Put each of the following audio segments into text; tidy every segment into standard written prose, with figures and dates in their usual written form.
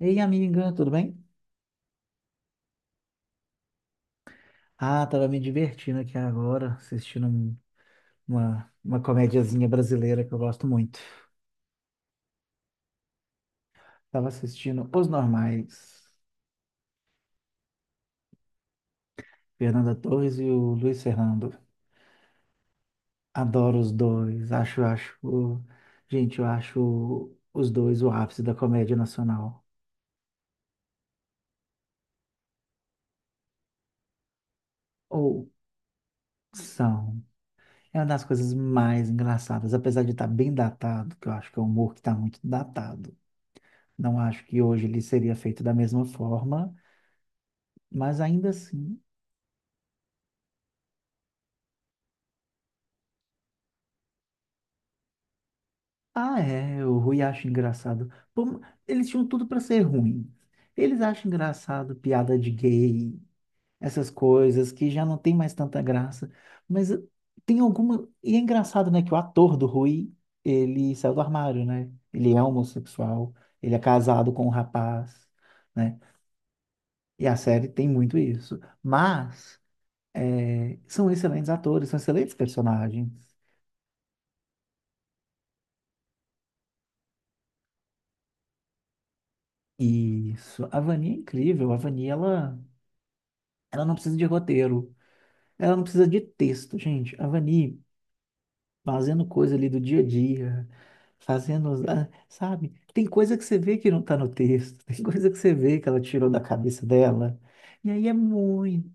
Ei, amiga, tudo bem? Ah, tava me divertindo aqui agora, assistindo uma comediazinha brasileira que eu gosto muito. Tava assistindo Os Normais, Fernanda Torres e o Luiz Fernando. Adoro os dois, acho, gente, eu acho os dois o ápice da comédia nacional. Ou são. É uma das coisas mais engraçadas, apesar de estar bem datado, que eu acho que é um humor que está muito datado. Não acho que hoje ele seria feito da mesma forma. Mas ainda assim. Ah, é, o Rui acha engraçado. Pô, eles tinham tudo para ser ruim. Eles acham engraçado piada de gay, essas coisas que já não tem mais tanta graça. Mas tem alguma. E é engraçado, né, que o ator do Rui, ele saiu do armário, né? Ele é homossexual, ele é casado com um rapaz, né? E a série tem muito isso. Mas são excelentes atores, são excelentes personagens. Isso. A Vani é incrível. A Vani, ela. Ela não precisa de roteiro, ela não precisa de texto, gente. A Vani fazendo coisa ali do dia a dia, fazendo, ah, sabe? Tem coisa que você vê que não tá no texto, tem coisa que você vê que ela tirou da cabeça dela. E aí é muito.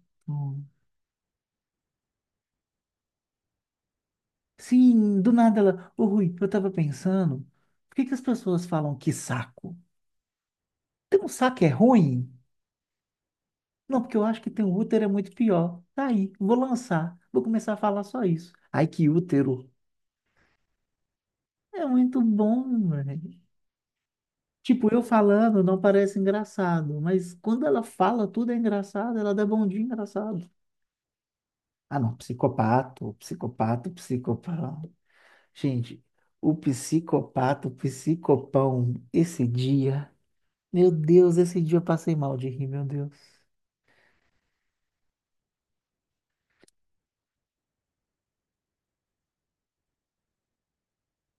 Sim, do nada ela. Ô Rui, eu tava pensando, por que que as pessoas falam que saco? Tem um saco é ruim? Não, porque eu acho que tem um útero é muito pior. Tá aí, vou lançar, vou começar a falar só isso. Ai, que útero. É muito bom, velho. Tipo, eu falando não parece engraçado, mas quando ela fala tudo é engraçado, ela dá bom dia engraçado. Ah, não, psicopato, psicopato, psicopão. Gente, o psicopato, psicopão, esse dia, meu Deus, esse dia eu passei mal de rir, meu Deus.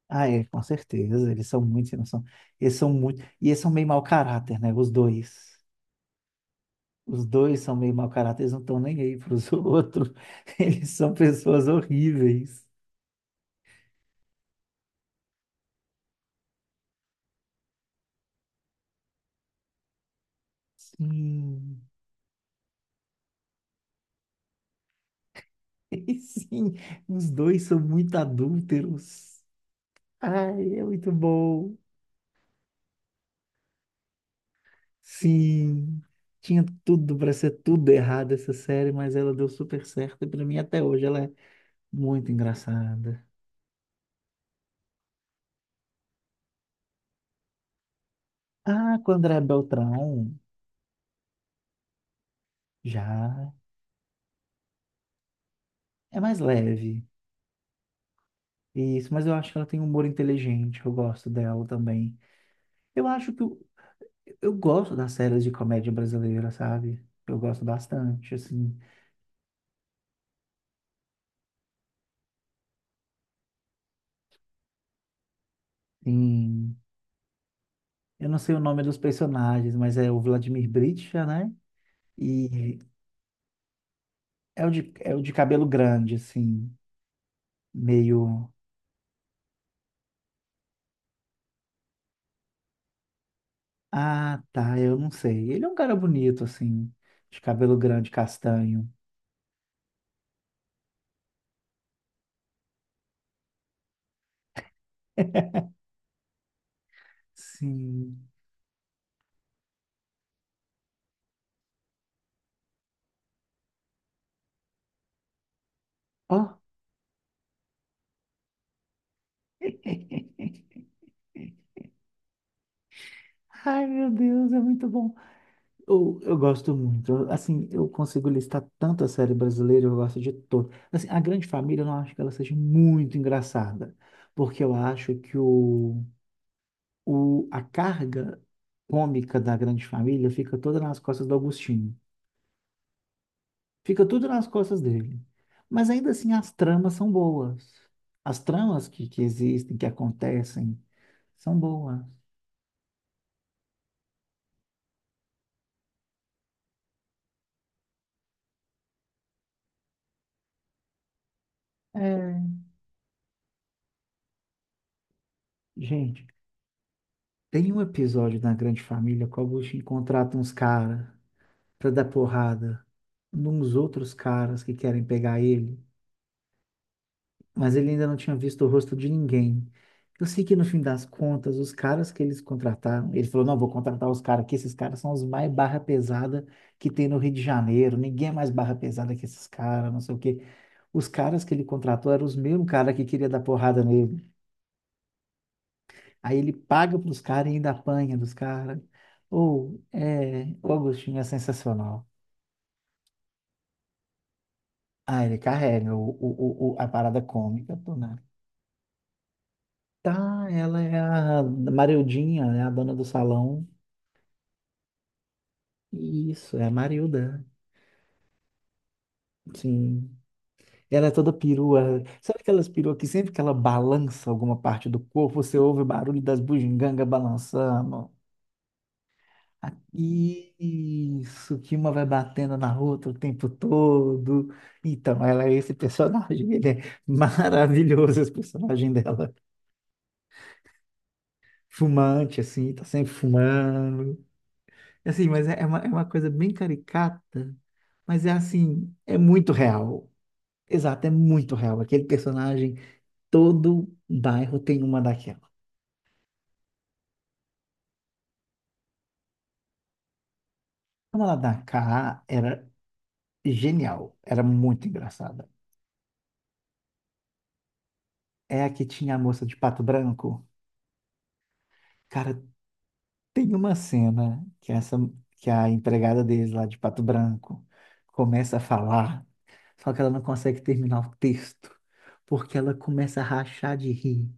Ah, é, com certeza, eles são muito sem noção. Eles são muito, e eles são meio mau caráter, né, os dois. Os dois são meio mau caráter, eles não estão nem aí para os outros. Eles são pessoas horríveis. Sim. E sim, os dois são muito adúlteros. Ai, é muito bom. Sim, tinha tudo para ser tudo errado essa série, mas ela deu super certo e para mim até hoje ela é muito engraçada. Ah, com André Beltrão, já é mais leve. Isso, mas eu acho que ela tem um humor inteligente, eu gosto dela também. Eu acho que eu gosto das séries de comédia brasileira, sabe? Eu gosto bastante, assim. Sim. Eu não sei o nome dos personagens, mas é o Vladimir Britcha, né? E é o de cabelo grande, assim, meio. Ah, tá, eu não sei. Ele é um cara bonito, assim, de cabelo grande, castanho. Sim. Ó. Ai, meu Deus, é muito bom. Eu gosto muito. Assim, eu consigo listar tanta série brasileira, eu gosto de todas. Assim, A Grande Família, eu não acho que ela seja muito engraçada, porque eu acho que a carga cômica da Grande Família fica toda nas costas do Agostinho. Fica tudo nas costas dele. Mas ainda assim, as tramas são boas. As tramas que existem, que acontecem, são boas. É. Gente, tem um episódio da Grande Família que o Agostinho contrata uns caras pra dar porrada nos outros caras que querem pegar ele. Mas ele ainda não tinha visto o rosto de ninguém. Eu sei que no fim das contas, os caras que eles contrataram, ele falou: não, vou contratar os caras aqui, esses caras são os mais barra pesada que tem no Rio de Janeiro, ninguém é mais barra pesada que esses caras, não sei o quê. Os caras que ele contratou eram os mesmos caras que queria dar porrada nele. Aí ele paga pros caras e ainda apanha dos caras. Ou, é, o Agostinho é sensacional. Ah, ele carrega a parada cômica do nada. Tá, ela é a Marildinha, né, a dona do salão. Isso, é a Marilda. Sim. Ela é toda perua. Sabe aquelas peruas que sempre que ela balança alguma parte do corpo, você ouve o barulho das bugigangas balançando? Ah, isso, que uma vai batendo na outra o tempo todo. Então, ela é esse personagem. Ele é maravilhoso, esse personagem dela. Fumante, assim, tá sempre fumando. Assim, mas é uma coisa bem caricata, mas é assim, é muito real. Exato, é muito real. Aquele personagem. Todo bairro tem uma daquela. Uma lá da cá era genial, era muito engraçada. É a que tinha a moça de pato branco. Cara, tem uma cena que essa que a empregada deles lá de pato branco começa a falar, só que ela não consegue terminar o texto, porque ela começa a rachar de rir.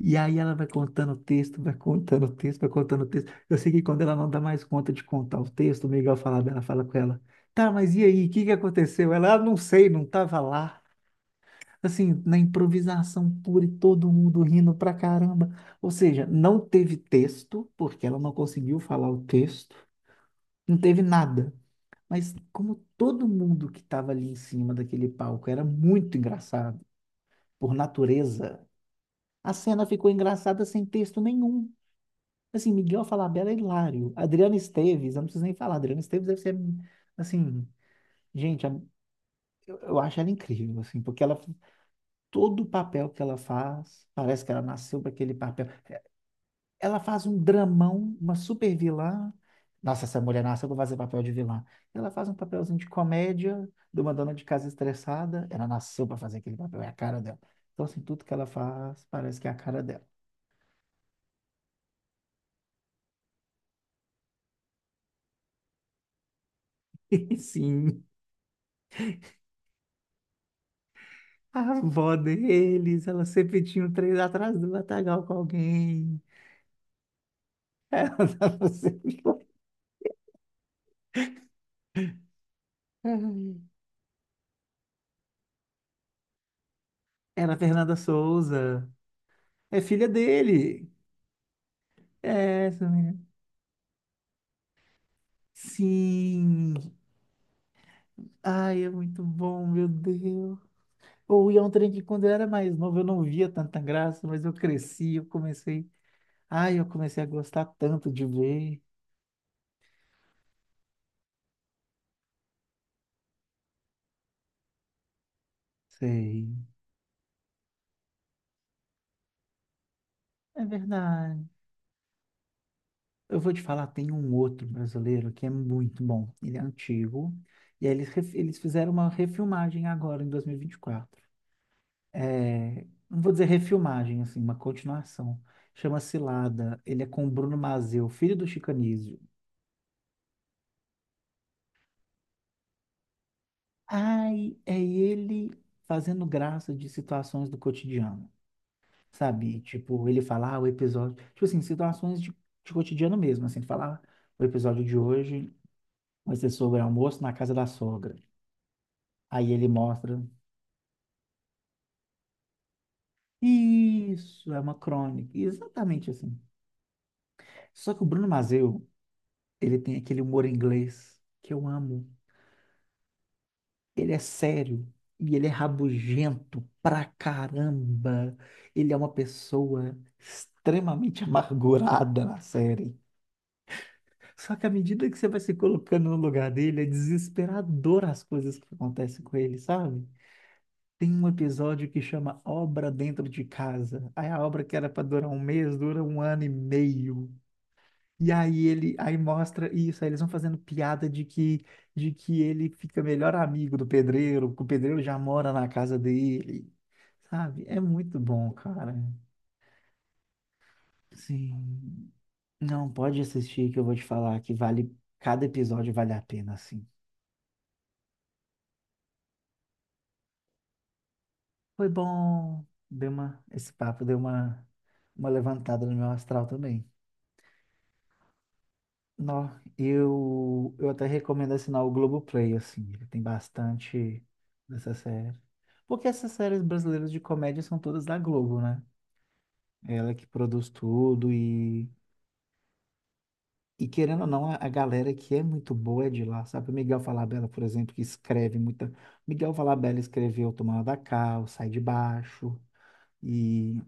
E aí ela vai contando o texto, vai contando o texto, vai contando o texto. Eu sei que quando ela não dá mais conta de contar o texto, o Miguel fala dela, fala com ela, tá, mas e aí, o que que aconteceu? Ela, ah, não sei, não tava lá. Assim, na improvisação pura e todo mundo rindo pra caramba. Ou seja, não teve texto, porque ela não conseguiu falar o texto, não teve nada. Mas como todo mundo que estava ali em cima daquele palco era muito engraçado, por natureza, a cena ficou engraçada sem texto nenhum. Assim, Miguel Falabella é hilário. Adriana Esteves, eu não preciso nem falar. Adriana Esteves deve ser, assim, gente, eu acho ela incrível, assim, porque ela, todo papel que ela faz, parece que ela nasceu para aquele papel. Ela faz um dramão, uma super vilã. Nossa, essa mulher nasceu para fazer papel de vilã. Ela faz um papelzinho de comédia, de uma dona de casa estressada. Ela nasceu para fazer aquele papel, é a cara dela. Então, assim, tudo que ela faz parece que é a cara dela. Sim. A avó deles, ela sempre tinha um três atrás do matagal com alguém. Ela tava sempre. Ai. Era a Fernanda Souza. É filha dele. É essa menina. Sim. Ai, é muito bom, meu Deus. Ou ia um trem que quando eu era mais novo eu não via tanta graça, mas eu cresci, eu comecei. Ai, eu comecei a gostar tanto de ver. Sei. É verdade. Eu vou te falar, tem um outro brasileiro que é muito bom. Ele é antigo. E aí eles fizeram uma refilmagem agora, em 2024. É, não vou dizer refilmagem, assim, uma continuação. Chama Cilada. Ele é com o Bruno Mazeu, filho do Chico Anísio. Ai, é ele fazendo graça de situações do cotidiano, sabe? Tipo, ele fala, ah, o episódio. Tipo assim, situações de, cotidiano mesmo, assim. Falar, o episódio de hoje vai ser sobre almoço na casa da sogra. Aí ele mostra. Isso, é uma crônica. Exatamente assim. Só que o Bruno Mazeu, ele tem aquele humor inglês que eu amo. Ele é sério e ele é rabugento pra caramba. Ele é uma pessoa extremamente amargurada na série. Só que à medida que você vai se colocando no lugar dele, é desesperador as coisas que acontecem com ele, sabe? Tem um episódio que chama Obra Dentro de Casa. Aí a obra que era para durar um mês dura um ano e meio. E aí ele, aí mostra isso, aí eles vão fazendo piada de que ele fica melhor amigo do pedreiro, que o pedreiro já mora na casa dele. Sabe? É muito bom, cara. Sim. Não, pode assistir que eu vou te falar que vale, cada episódio vale a pena, assim. Foi bom, esse papo deu uma levantada no meu astral também. Nó, eu até recomendo assinar o Globoplay, assim, ele tem bastante dessa série. Porque essas séries brasileiras de comédia são todas da Globo, né? É ela que produz tudo e querendo ou não, a galera que é muito boa é de lá, sabe? O Miguel Falabella, por exemplo, que escreve muita. Miguel Falabella escreveu Tomando da Cá, o Sai de Baixo, e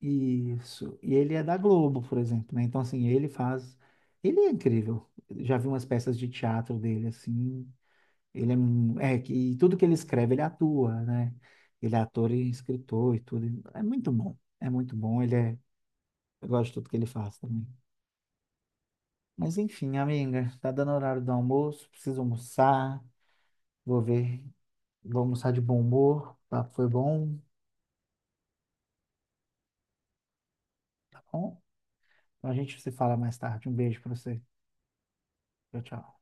e isso. E ele é da Globo, por exemplo, né? Então, assim, ele faz. Ele é incrível. Já vi umas peças de teatro dele, assim. Ele é, mu- é, que- e tudo que ele escreve, ele atua, né? Ele é ator e escritor e tudo. É muito bom. É muito bom. Ele é, eu gosto de tudo que ele faz também. Mas enfim, amiga, tá dando horário do almoço, preciso almoçar. Vou ver, vou almoçar de bom humor. O papo foi bom, tá bom? Então a gente se fala mais tarde. Um beijo pra você. Tchau, tchau.